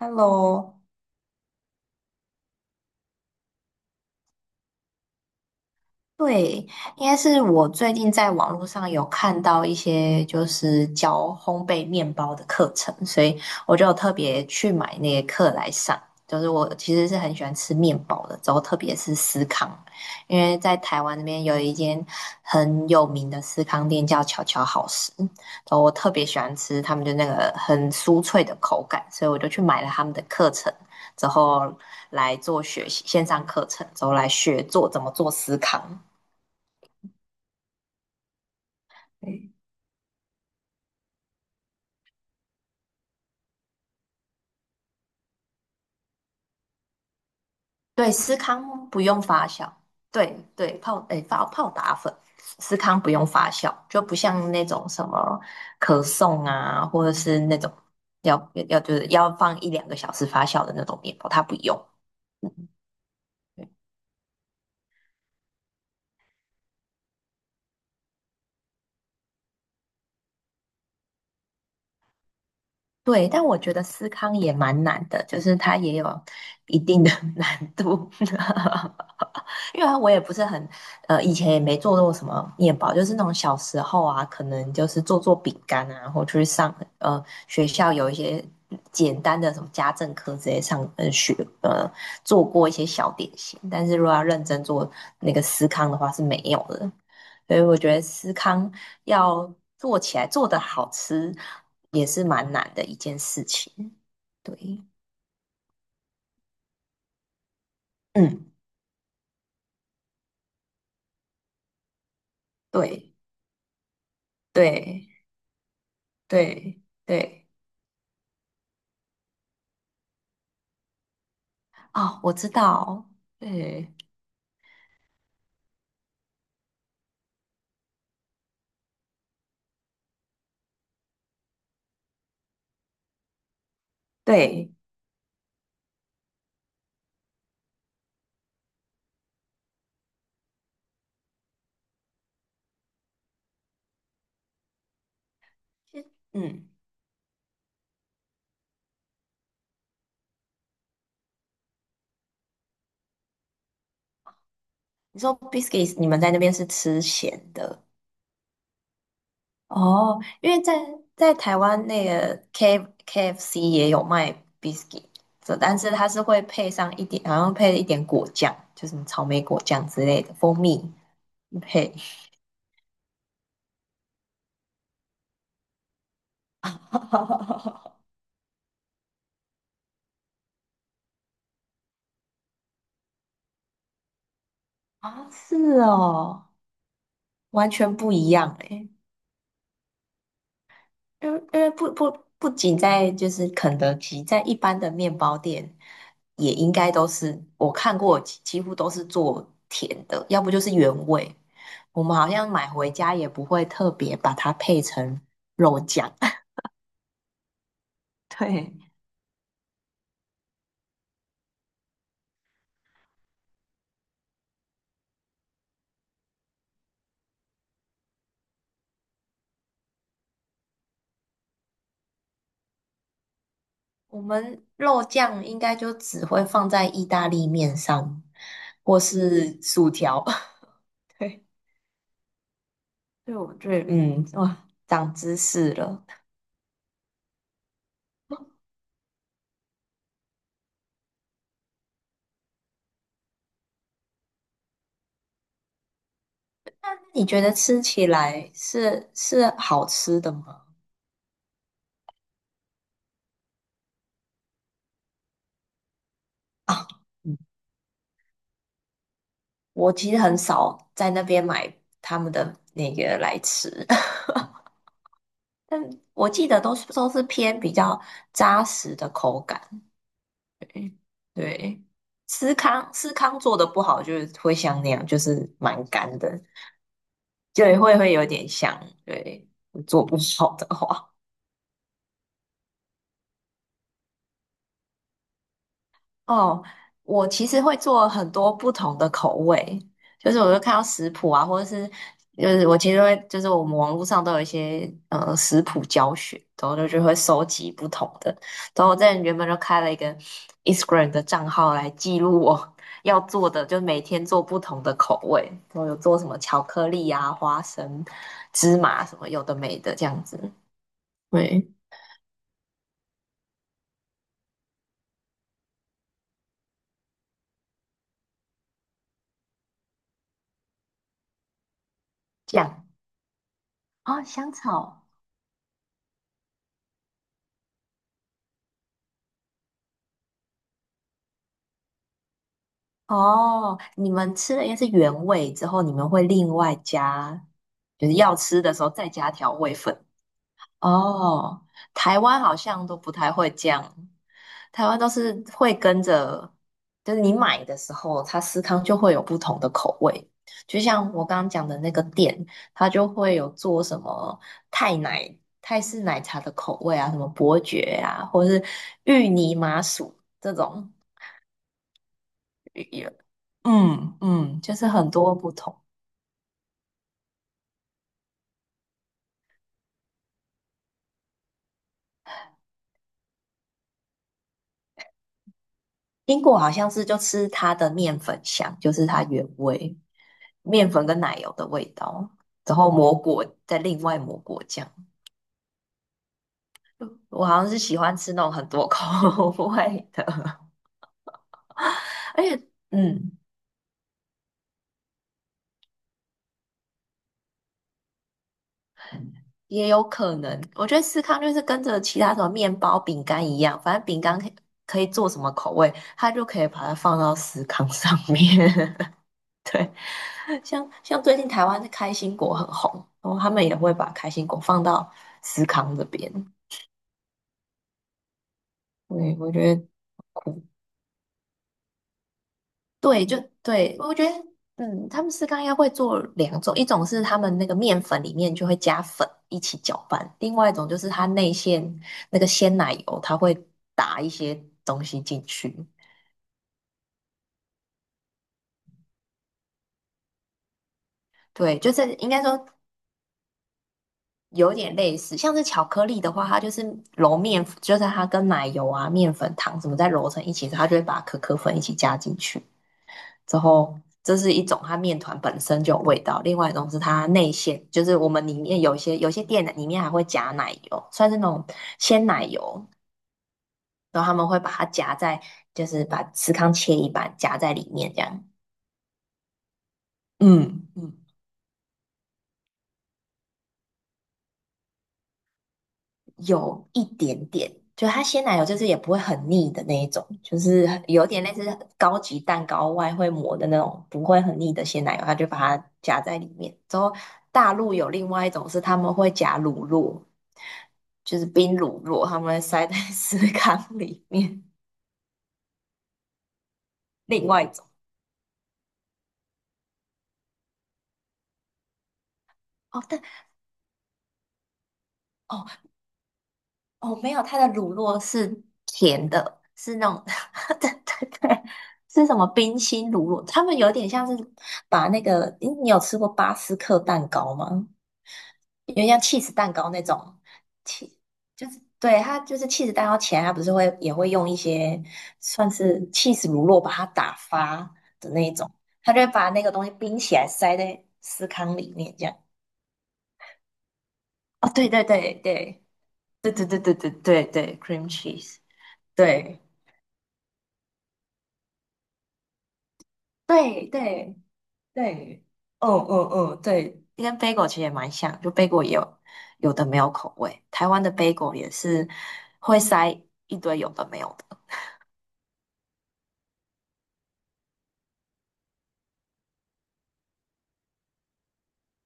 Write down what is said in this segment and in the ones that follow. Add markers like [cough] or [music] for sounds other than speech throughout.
Hello，对，应该是我最近在网络上有看到一些就是教烘焙面包的课程，所以我就有特别去买那些课来上。就是我其实是很喜欢吃面包的，之后特别是司康，因为在台湾那边有一间很有名的司康店叫巧巧好食，然后我特别喜欢吃他们的那个很酥脆的口感，所以我就去买了他们的课程，之后来做学习线上课程，之后来学做怎么做司康。对，对，司康不用发酵。对对，泡诶泡泡打粉，司康不用发酵，就不像那种什么可颂啊，或者是那种要就是要放一两个小时发酵的那种面包，它不用。嗯对，对但我觉得思康也蛮难的，就是它也有一定的 [laughs] 难度。[laughs] 因为我也不是很，以前也没做过什么面包，就是那种小时候啊，可能就是做做饼干啊，然后去上学校有一些简单的什么家政课之类上学呃做过一些小点心，但是如果要认真做那个司康的话是没有的，所以我觉得司康要做起来做的好吃也是蛮难的一件事情。对，嗯，对对对对。哦，我知道，对对，嗯，你说 biscuits，你们在那边是吃咸的哦，因为在台湾那个 KFC 也有卖 biscuit，这但是它是会配上一点，好像配了一点果酱，就是什么草莓果酱之类的，蜂蜜配 [laughs] 啊，是哦，完全不一样诶。因为不仅在就是肯德基，在一般的面包店也应该都是我看过几乎都是做甜的，要不就是原味。我们好像买回家也不会特别把它配成肉酱，[laughs] 对，我们肉酱应该就只会放在意大利面上，或是薯条。[laughs] 对，所以我觉得嗯，哇，长知识了。[laughs] 你觉得吃起来是好吃的吗？[laughs] 啊，嗯，我其实很少在那边买他们的那个来吃，[laughs] 但我记得都是偏比较扎实的口感。对，对司康做的不好，就是会像那样，就是蛮干的，就会有点像，对，做不好的话。哦，我其实会做很多不同的口味，就是我就看到食谱啊，或者是就是我其实会就是我们网络上都有一些食谱教学，然后就会收集不同的。然后我在原本就开了一个 Instagram 的账号来记录我 [laughs] 要做的，就每天做不同的口味，然后有做什么巧克力啊、花生、芝麻什么有的没的这样子。对，酱哦，香草。哦，你们吃的应该是原味之后，你们会另外加，就是要吃的时候再加调味粉。哦，台湾好像都不太会这样，台湾都是会跟着，就是你买的时候，它司康就会有不同的口味。就像我刚刚讲的那个店，它就会有做什么泰奶、泰式奶茶的口味啊，什么伯爵啊，或者是芋泥麻薯这种。嗯嗯，就是很多不同。英国好像是就吃它的面粉香，就是它原味面粉跟奶油的味道，然后抹果再另外抹果酱。我好像是喜欢吃那种很多口 [laughs] 味的，而且嗯，也有可能，我觉得司康就是跟着其他什么面包、饼干一样，反正饼干可以做什么口味，它就可以把它放到司康上面。对，[laughs] 像最近台湾的开心果很红，然后他们也会把开心果放到思康这边。对，我觉得酷。对，就对，我觉得嗯，他们司康应该会做两种，一种是他们那个面粉里面就会加粉一起搅拌，另外一种就是它内馅那个鲜奶油，它会打一些东西进去。对，就是应该说有点类似，像是巧克力的话，它就是揉面，就是它跟奶油啊、面粉、糖什么再揉成一起，它就会把可可粉一起加进去。之后，这是一种它面团本身就有味道，另外一种是它内馅，就是我们里面有些店里面还会夹奶油，算是那种鲜奶油，然后他们会把它夹在，就是把司康切一半夹在里面这样。嗯嗯。有一点点，就它鲜奶油就是也不会很腻的那一种，就是有点类似高级蛋糕外会抹的那种，不会很腻的鲜奶油，它就把它夹在里面。之后大陆有另外一种是他们会夹乳酪，就是冰乳酪，他们会塞在 [laughs] 司康里面。另外一种哦，但哦，哦，没有，它的乳酪是甜的，是那种，[laughs] 对对对，是什么冰心乳酪？他们有点像是把那个，诶你有吃过巴斯克蛋糕吗？有点像 cheese 蛋糕那种，che- 就是对它就是 cheese 蛋糕前，它不是会也会用一些算是 cheese 乳酪把它打发的那一种，它就会把那个东西冰起来塞在司康里面这样。哦，对对对对对对对对对对对，cream cheese，对。对对对，嗯嗯嗯，对，跟 bagel 其实也蛮像，就 bagel 也有有的没有口味，台湾的 bagel 也是会塞一堆有的没有的，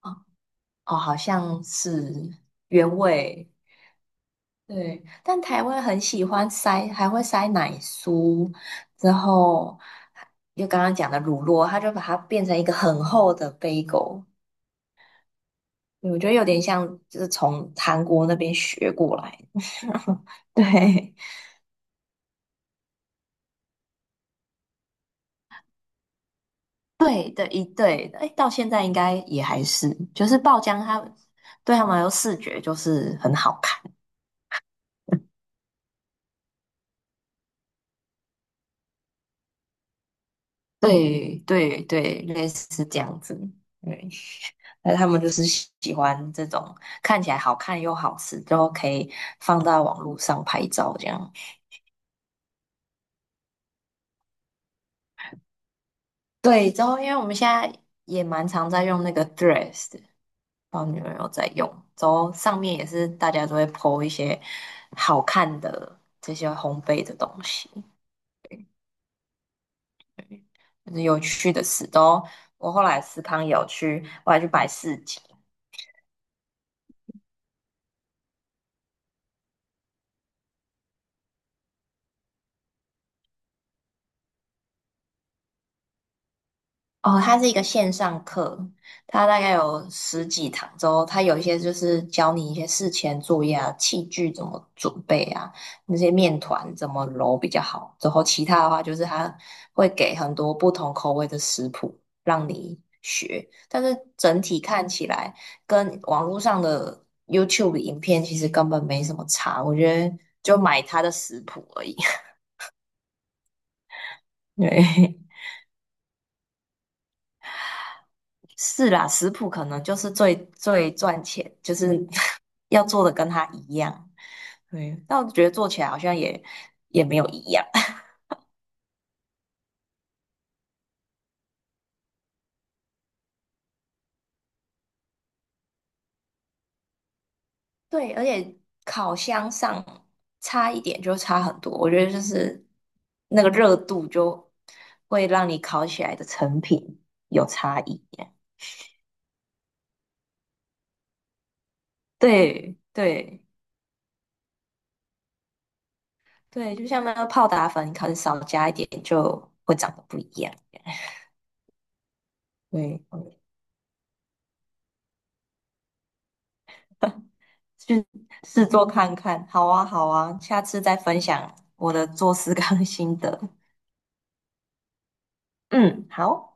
哦，哦好像是原味，对，但台湾很喜欢塞，还会塞奶酥，之后就刚刚讲的乳酪，它就把它变成一个很厚的 bagel，我觉得有点像就是从韩国那边学过来，[laughs] 对。对的，对的，哎，到现在应该也还是，就是爆浆它，对他们来说视觉就是很好看，对对对，类似这样子，对，[laughs] 那他们就是喜欢这种看起来好看又好吃，然后可以放到网络上拍照这样。对，然后因为我们现在也蛮常在用那个 Threads，的不知道你们有没有在用，然后上面也是大家都会 po 一些好看的这些烘焙的东西。就是有趣的事都。我后来思康有去，我还去摆市集。哦，它是一个线上课，它大概有十几堂之后，它有一些就是教你一些事前作业啊，器具怎么准备啊，那些面团怎么揉比较好。之后其他的话就是它会给很多不同口味的食谱让你学，但是整体看起来跟网络上的 YouTube 影片其实根本没什么差，我觉得就买它的食谱而已。对，[laughs] 是啦，食谱可能就是最最赚钱，就是 [laughs] 要做的跟他一样。对，但我觉得做起来好像也没有一样。[laughs] 对，而且烤箱上差一点就差很多，我觉得就是那个热度就会让你烤起来的成品有差异。对对对，就像那个泡打粉，你可能少加一点就会长得不一样。对，去试做看看。好啊，好啊，下次再分享我的做事刚心得。嗯，好。